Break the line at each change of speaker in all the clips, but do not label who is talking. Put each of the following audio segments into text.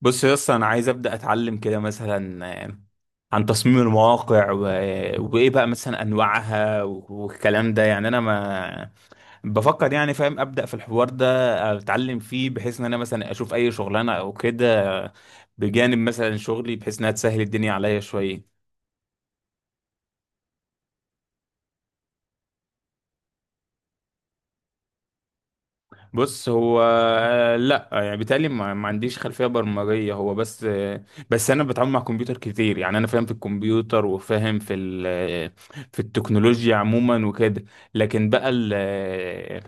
بص يا اسطى، انا عايز ابدا اتعلم كده مثلا، عن تصميم المواقع وايه بقى مثلا انواعها والكلام ده. يعني انا ما بفكر يعني فاهم ابدا في الحوار ده. اتعلم فيه بحيث ان انا مثلا اشوف اي شغلانه او كده بجانب مثلا شغلي، بحيث انها تسهل الدنيا عليا شويه. بص هو لا يعني بالتالي ما عنديش خلفيه برمجيه. هو بس بس انا بتعامل مع كمبيوتر كتير. يعني انا فاهم في الكمبيوتر وفاهم في في التكنولوجيا عموما وكده. لكن بقى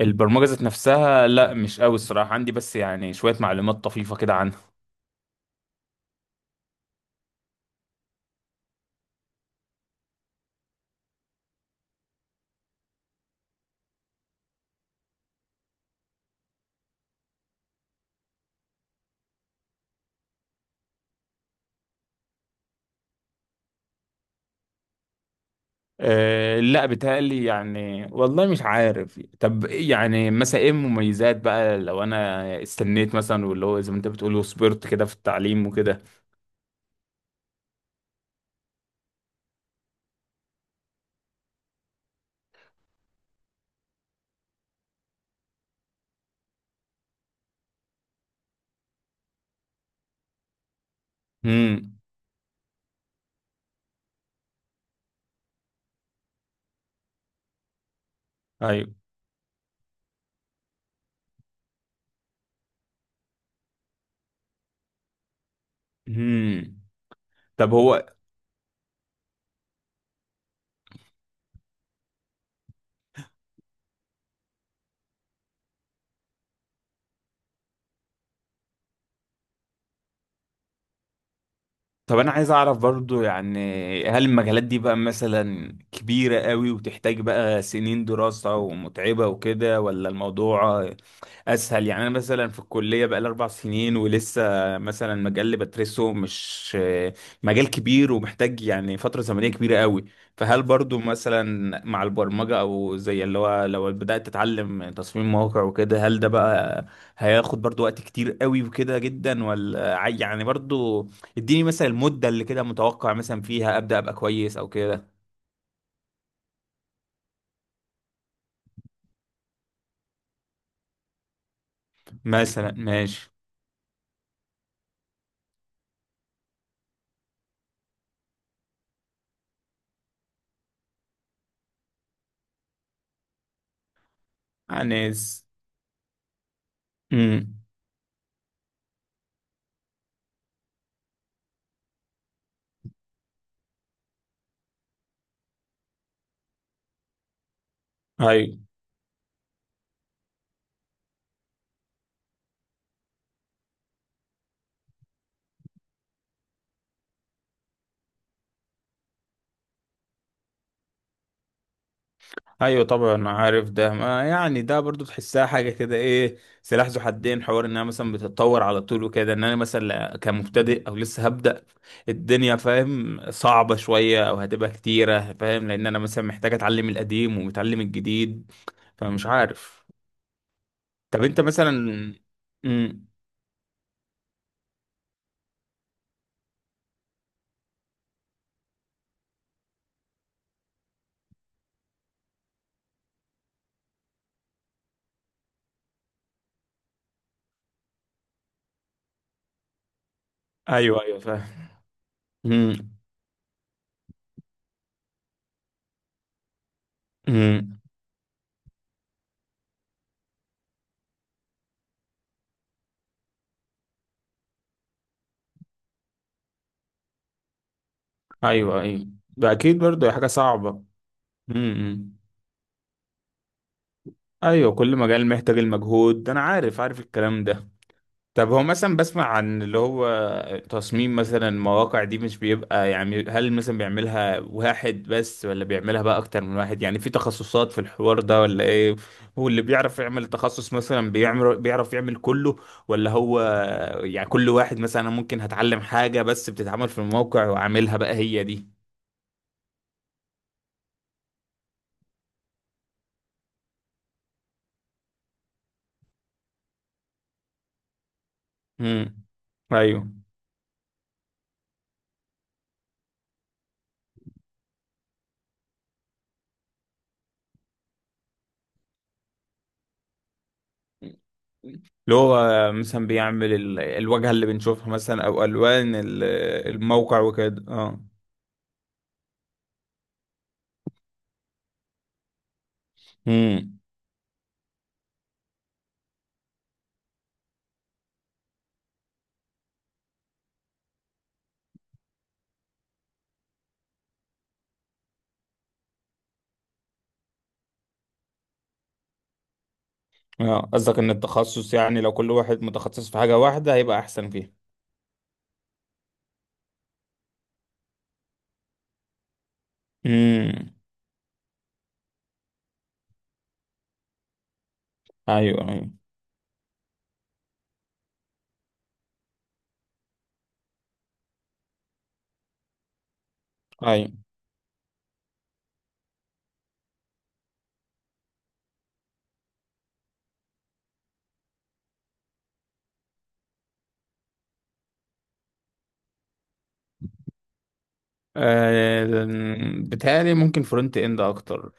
البرمجه ذات نفسها لا، مش قوي الصراحه عندي، بس يعني شويه معلومات طفيفه كده عنها. أه لا، بتهيألي يعني والله مش عارف. طب إيه يعني مثلا ايه المميزات بقى لو انا استنيت مثلا، واللي هو زي ما انت بتقول، وصبرت كده في التعليم وكده؟ امم، ايوه، مم، طب هو. طب انا عايز اعرف برضو يعني، هل المجالات دي بقى مثلا كبيرة قوي وتحتاج بقى سنين دراسة ومتعبة وكده، ولا الموضوع اسهل؟ يعني انا مثلا في الكليه بقى لي اربع سنين ولسه مثلا مجال اللي بدرسه مش مجال كبير ومحتاج يعني فتره زمنيه كبيره قوي. فهل برضو مثلا مع البرمجه، او زي اللي هو لو بدات تتعلم تصميم مواقع وكده، هل ده بقى هياخد برضو وقت كتير قوي وكده جدا، ولا يعني برضو اديني مثلا المده اللي كده متوقع مثلا فيها ابدا ابقى كويس او كده؟ مثلا ماشي، يعني امم. ايوه طبعا عارف ده. ما يعني ده برضو تحسها حاجه كده ايه، سلاح ذو حدين. حوار انها مثلا بتتطور على طول وكده، ان انا مثلا كمبتدئ او لسه هبدا، الدنيا فاهم صعبه شويه او هتبقى كتيره، فاهم، لان انا مثلا محتاج اتعلم القديم ومتعلم الجديد، فمش عارف. طب انت مثلا. امم، ايوه ايوه فاهم. امم. امم، ايوه ايوه. ده اكيد برضو هي حاجه صعبه. امم. ايوه، كل مجال محتاج المجهود ده، انا عارف عارف الكلام ده. طب هو مثلا بسمع عن اللي هو تصميم مثلا المواقع دي، مش بيبقى يعني هل مثلا بيعملها واحد بس ولا بيعملها بقى اكتر من واحد؟ يعني في تخصصات في الحوار ده ولا ايه؟ هو اللي بيعرف يعمل تخصص مثلا بيعمل، بيعرف يعمل كله، ولا هو يعني كل واحد مثلا ممكن هتعلم حاجة بس بتتعمل في الموقع وعاملها بقى هي دي؟ امم، ايوه. اللي هو مثلا بيعمل الواجهة اللي بنشوفها مثلا، او الوان الموقع وكده، اه. امم، اه. قصدك ان التخصص يعني لو كل واحد متخصص في حاجة واحدة هيبقى احسن فيها. امم، ايوه ايوه. ايوه آه، بتهيألي ممكن فرونت اند اكتر.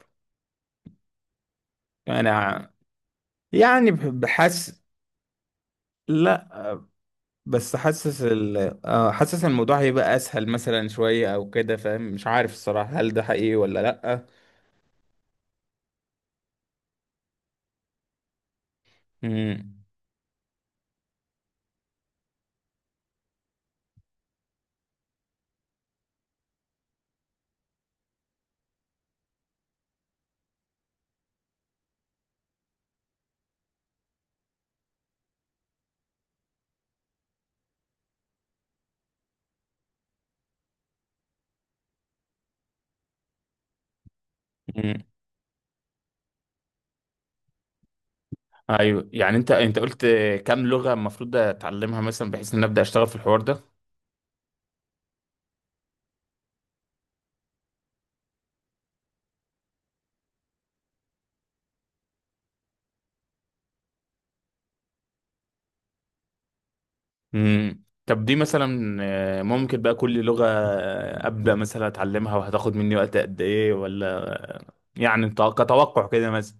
انا يعني بحس. لا، بس حاسس ال، آه حاسس الموضوع هيبقى اسهل مثلا شوية او كده، فاهم، مش عارف الصراحة هل ده حقيقي ولا لا. امم. امم، ايوه. يعني انت انت قلت كام لغه المفروض اتعلمها مثلا بحيث ان أنا ابدا اشتغل في الحوار ده؟ امم، طب دي مثلا، ممكن بقى كل لغة، أبدأ مثلا أتعلمها، وهتاخد مني وقت قد إيه ولا يعني كتوقع كده مثلا؟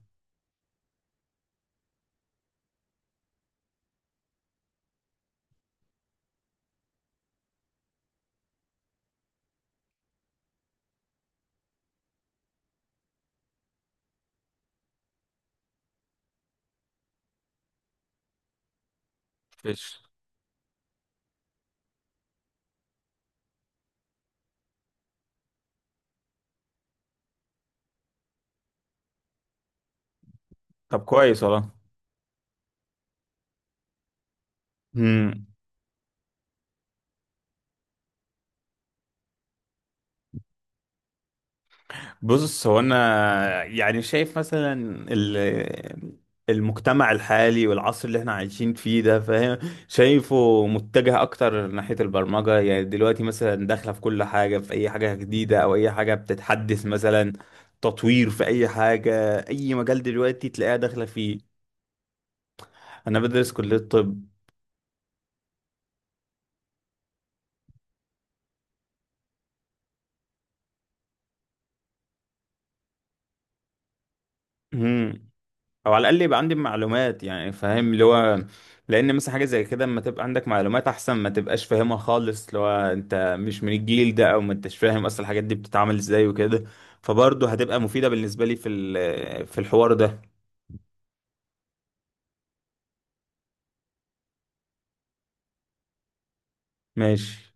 فيش. طب كويس والله. امم. بص هو انا يعني شايف مثلا ال- المجتمع الحالي والعصر اللي احنا عايشين فيه ده، فاهم، شايفه متجه اكتر ناحية البرمجة. يعني دلوقتي مثلا داخلة في كل حاجة، في اي حاجة جديدة او اي حاجة بتتحدث مثلا تطوير في اي حاجة، اي مجال دلوقتي تلاقيها داخلة فيه. انا بدرس كلية طب. مم. او على الاقل يبقى عندي معلومات يعني، فاهم اللي هو، لان مثلا حاجه زي كده اما تبقى عندك معلومات احسن ما تبقاش فاهمها خالص، اللي هو انت مش من الجيل ده او ما انتش فاهم اصلا الحاجات دي بتتعمل ازاي وكده. فبرضه هتبقى مفيده بالنسبه لي في في الحوار ده. ماشي.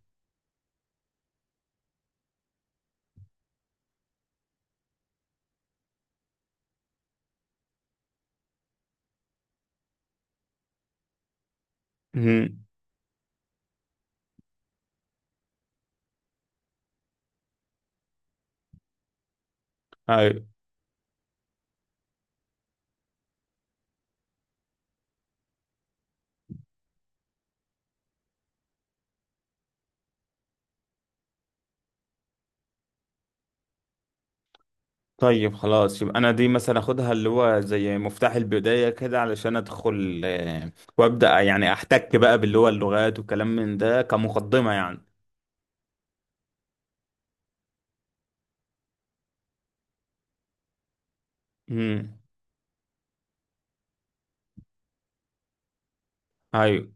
مهم. ايوه. طيب خلاص، يبقى انا دي مثلا اخدها اللي هو زي مفتاح البدايه كده، علشان ادخل وابدا يعني احتك بقى باللي هو اللغات والكلام من ده كمقدمه يعني. مهم. ايوه.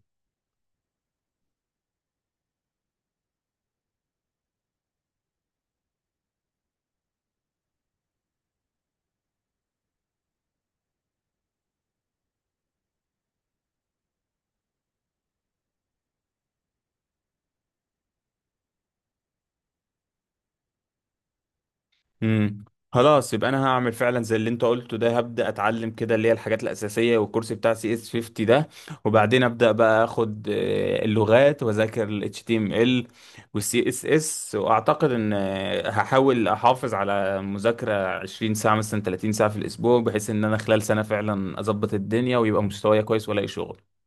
امم. خلاص، يبقى انا هعمل فعلا زي اللي انت قلته ده، هبدا اتعلم كده اللي هي الحاجات الاساسيه والكورس بتاع سي اس 50 ده، وبعدين ابدا بقى اخد اللغات، واذاكر ال HTML وال CSS، واعتقد ان هحاول احافظ على مذاكره 20 ساعه مثلا، 30 ساعه في الاسبوع، بحيث ان انا خلال سنه فعلا اظبط الدنيا ويبقى مستواي كويس والاقي شغل.